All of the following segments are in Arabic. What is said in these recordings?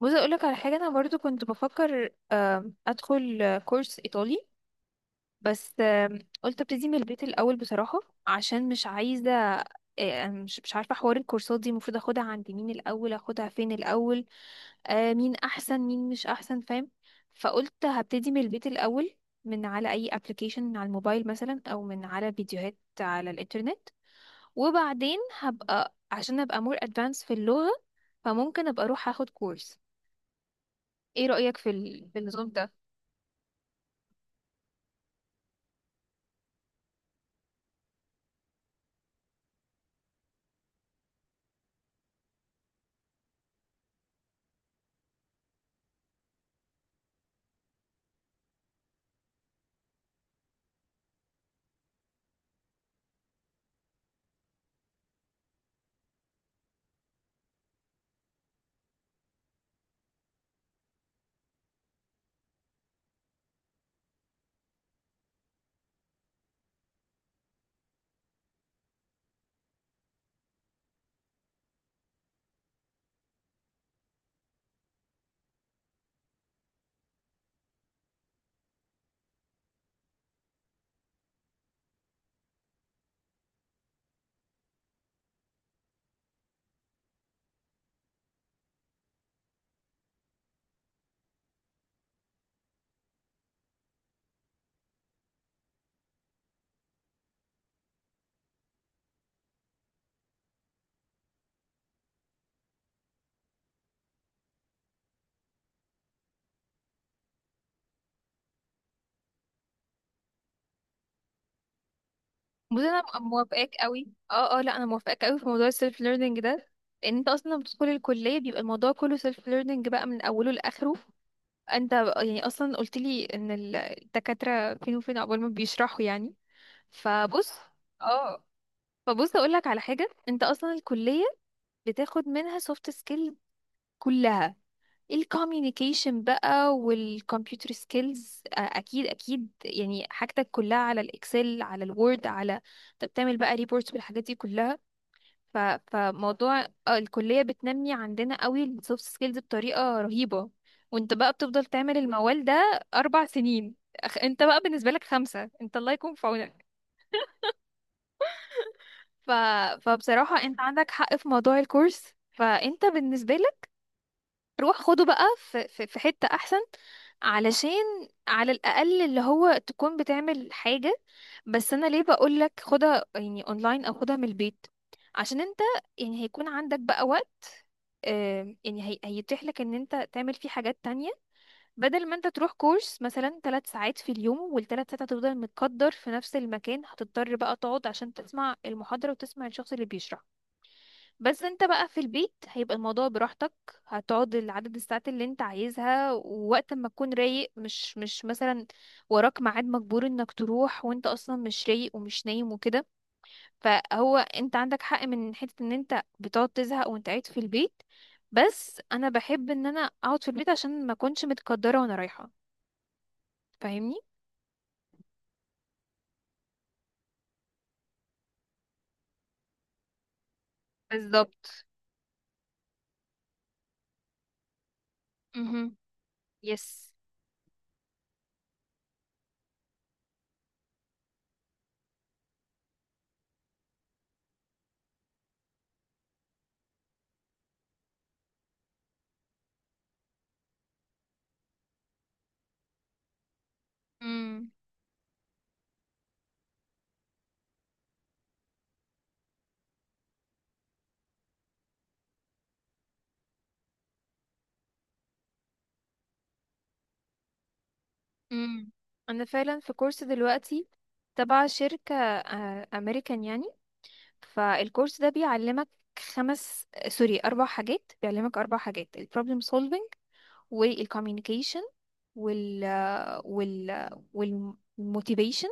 بص اقول لك على حاجه. انا برضو كنت بفكر ادخل كورس ايطالي، بس قلت ابتدي من البيت الاول بصراحه، عشان مش عايزه. مش عارفه حوار الكورسات دي، المفروض اخدها عند مين الاول؟ اخدها فين الاول؟ مين احسن مين مش احسن، فاهم؟ فقلت هبتدي من البيت الاول، من على اي ابلكيشن، من على الموبايل مثلا، او من على فيديوهات على الانترنت. وبعدين هبقى عشان ابقى مور ادفانس في اللغه، فممكن ابقى اروح اخد كورس. ايه رأيك في في النظام ده؟ بص انا موافقاك قوي، اه اه، لا انا موافقاك قوي في موضوع السيلف ليرنينج ده، لان انت اصلا لما بتدخل الكلية بيبقى الموضوع كله سيلف ليرنينج بقى من اوله لاخره. انت يعني اصلا قلت لي ان الدكاترة فين وفين عقبال ما بيشرحوا يعني. فبص. اه. فبص اقول لك على حاجة، انت اصلا الكلية بتاخد منها سوفت سكيل كلها، الكوميونيكيشن بقى والكمبيوتر سكيلز، اكيد اكيد يعني حاجتك كلها على الاكسل على الوورد، على طب تعمل بقى ريبورتس بالحاجات دي كلها. ف... فموضوع الكلية بتنمي عندنا قوي السوفت سكيلز بطريقة رهيبة، وانت بقى بتفضل تعمل الموال ده اربع سنين. انت بقى بالنسبة لك خمسة، انت الله يكون في عونك. ف... فبصراحة انت عندك حق في موضوع الكورس. فانت بالنسبة روح خده بقى في في حتة احسن، علشان على الاقل اللي هو تكون بتعمل حاجة. بس انا ليه بقولك خدها يعني اونلاين او خدها من البيت؟ عشان انت يعني هيكون عندك بقى وقت. يعني هيتيح لك ان انت تعمل فيه حاجات تانية، بدل ما انت تروح كورس مثلا ثلاث ساعات في اليوم، والثلاث ساعات هتفضل متقدر في نفس المكان، هتضطر بقى تقعد عشان تسمع المحاضرة وتسمع الشخص اللي بيشرح. بس انت بقى في البيت هيبقى الموضوع براحتك، هتقعد العدد الساعات اللي انت عايزها ووقت ما تكون رايق. مش مثلا وراك ميعاد مجبور انك تروح وانت اصلا مش رايق ومش نايم وكده. فهو انت عندك حق من حتة ان انت بتقعد تزهق وانت قاعد في البيت، بس انا بحب ان انا اقعد في البيت عشان ما اكونش متقدرة وانا رايحة. فاهمني؟ بالظبط. امم. يس. امم. انا فعلا في كورس دلوقتي تبع شركة امريكان يعني. فالكورس ده بيعلمك خمس، سوري، اربع حاجات، بيعلمك اربع حاجات: البروبلم سولفينج، والكوميونيكيشن، وال وال والموتيفيشن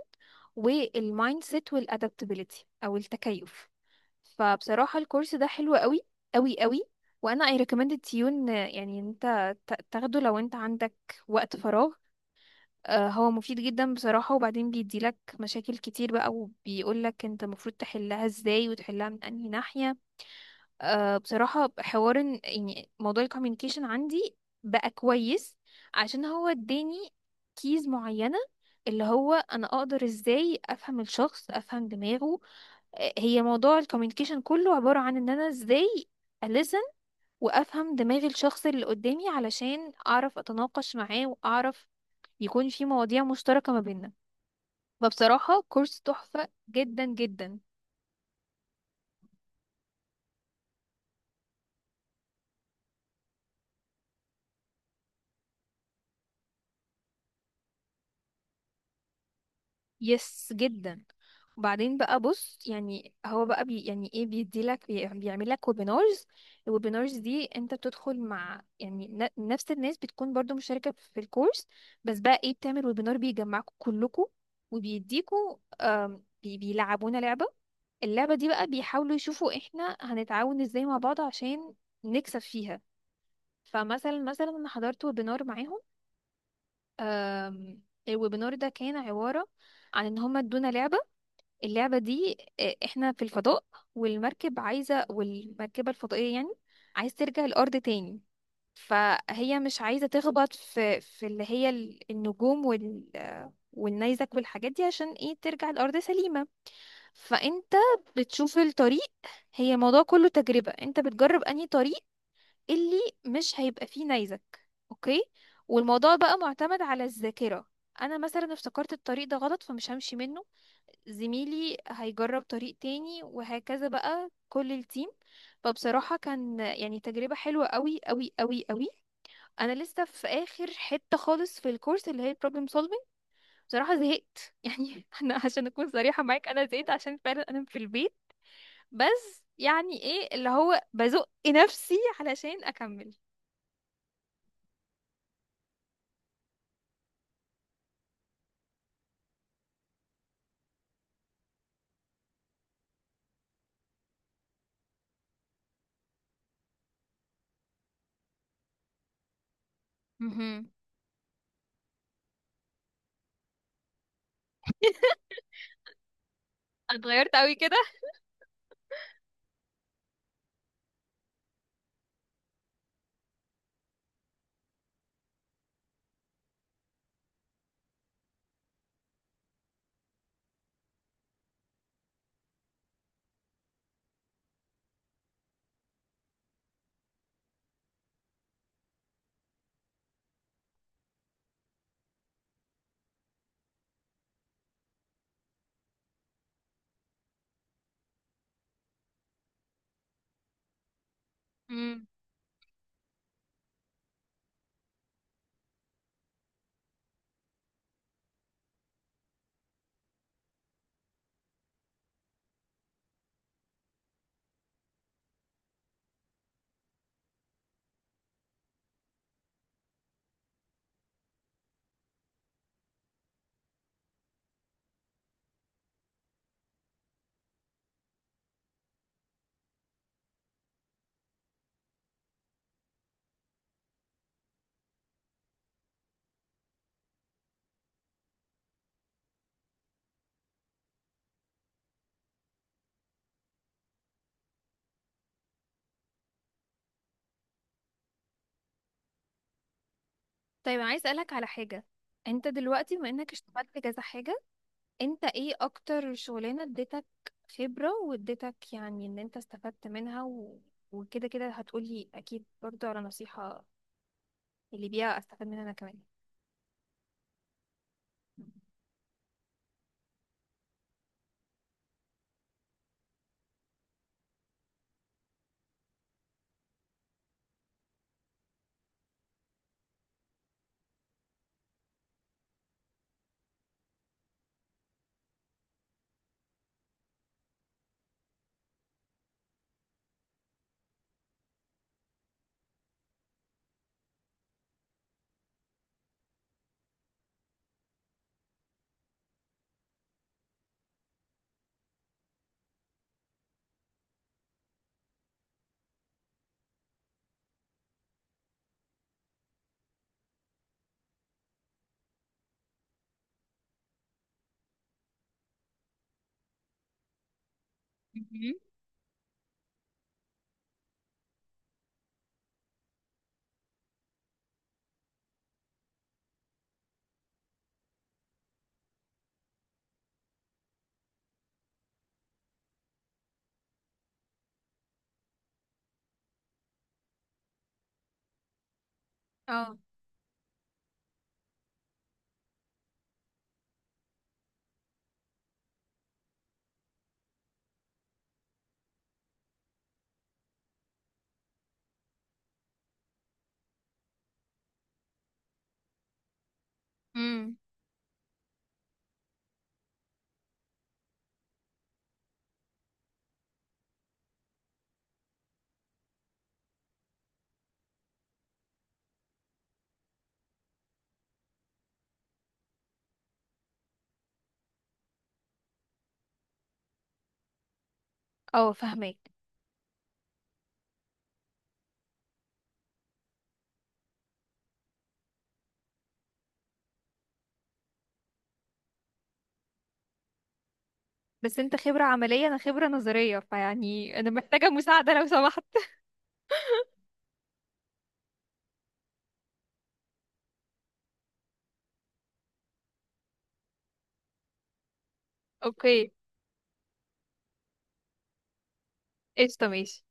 والمايند سيت، والادابتابيلتي او التكيف. فبصراحة الكورس ده حلو قوي، قوي قوي. وانا اي ريكومند تيون يعني انت تاخده لو انت عندك وقت فراغ. هو مفيد جدا بصراحة، وبعدين بيديلك مشاكل كتير بقى وبيقولك انت المفروض تحلها ازاي وتحلها من انهي ناحية. بصراحة حوار يعني موضوع الكوميونيكيشن عندي بقى كويس، عشان هو اداني كيز معينة اللي هو انا اقدر ازاي افهم الشخص افهم دماغه. هي موضوع الكوميونيكيشن كله عبارة عن ان انا ازاي ألسن وأفهم دماغ الشخص اللي قدامي علشان أعرف أتناقش معاه، وأعرف يكون في مواضيع مشتركة ما بيننا. فبصراحة كورس تحفة جدا جدا. يس، جدا. وبعدين بقى بص، يعني هو بقى بي يعني ايه، بيديلك بيعمل لك ويبينارز. الويبينارز دي انت بتدخل مع يعني نفس الناس بتكون برضو مشاركة في الكورس، بس بقى ايه، بتعمل ويبينار بيجمعكم كلكم، وبيديكوا بيلعبونا لعبة. اللعبة دي بقى بيحاولوا يشوفوا احنا هنتعاون ازاي مع بعض عشان نكسب فيها. فمثلا انا حضرت ويبينار معاهم. آم، الويبينار ده كان عبارة عن ان هما ادونا لعبة. اللعبة دي احنا في الفضاء، والمركب عايزة، والمركبة الفضائية يعني عايز ترجع الأرض تاني. فهي مش عايزة تخبط في اللي هي النجوم، وال آه، والنيزك والحاجات دي، عشان ايه ترجع الأرض سليمة. فانت بتشوف الطريق. هي الموضوع كله تجربة، انت بتجرب انهي طريق اللي مش هيبقى فيه نيزك. اوكي. والموضوع بقى معتمد على الذاكرة، انا مثلا افتكرت الطريق ده غلط فمش همشي منه، زميلي هيجرب طريق تاني، وهكذا بقى كل التيم. فبصراحة كان يعني تجربة حلوة قوي قوي قوي قوي. انا لسه في اخر حتة خالص في الكورس اللي هي البروبلم سولفينج. بصراحة زهقت، يعني انا عشان اكون صريحة معاك انا زهقت عشان فعلا انا في البيت، بس يعني ايه اللي هو بزق نفسي علشان اكمل. مهم. اتغيرت قوي كده. امم. طيب انا عايز اسالك على حاجه. انت دلوقتي بما انك اشتغلت كذا حاجه، انت ايه اكتر شغلانه اديتك خبره واديتك يعني ان انت استفدت منها، وكده كده هتقولي اكيد برضو على نصيحه اللي بيها استفاد منها انا كمان. مهم. اه. امم. اه، فهمك. بس انت خبره عمليه، انا خبره نظريه، فيعني انا محتاجه مساعده لو سمحت. اوكي. قشطه. ماشي.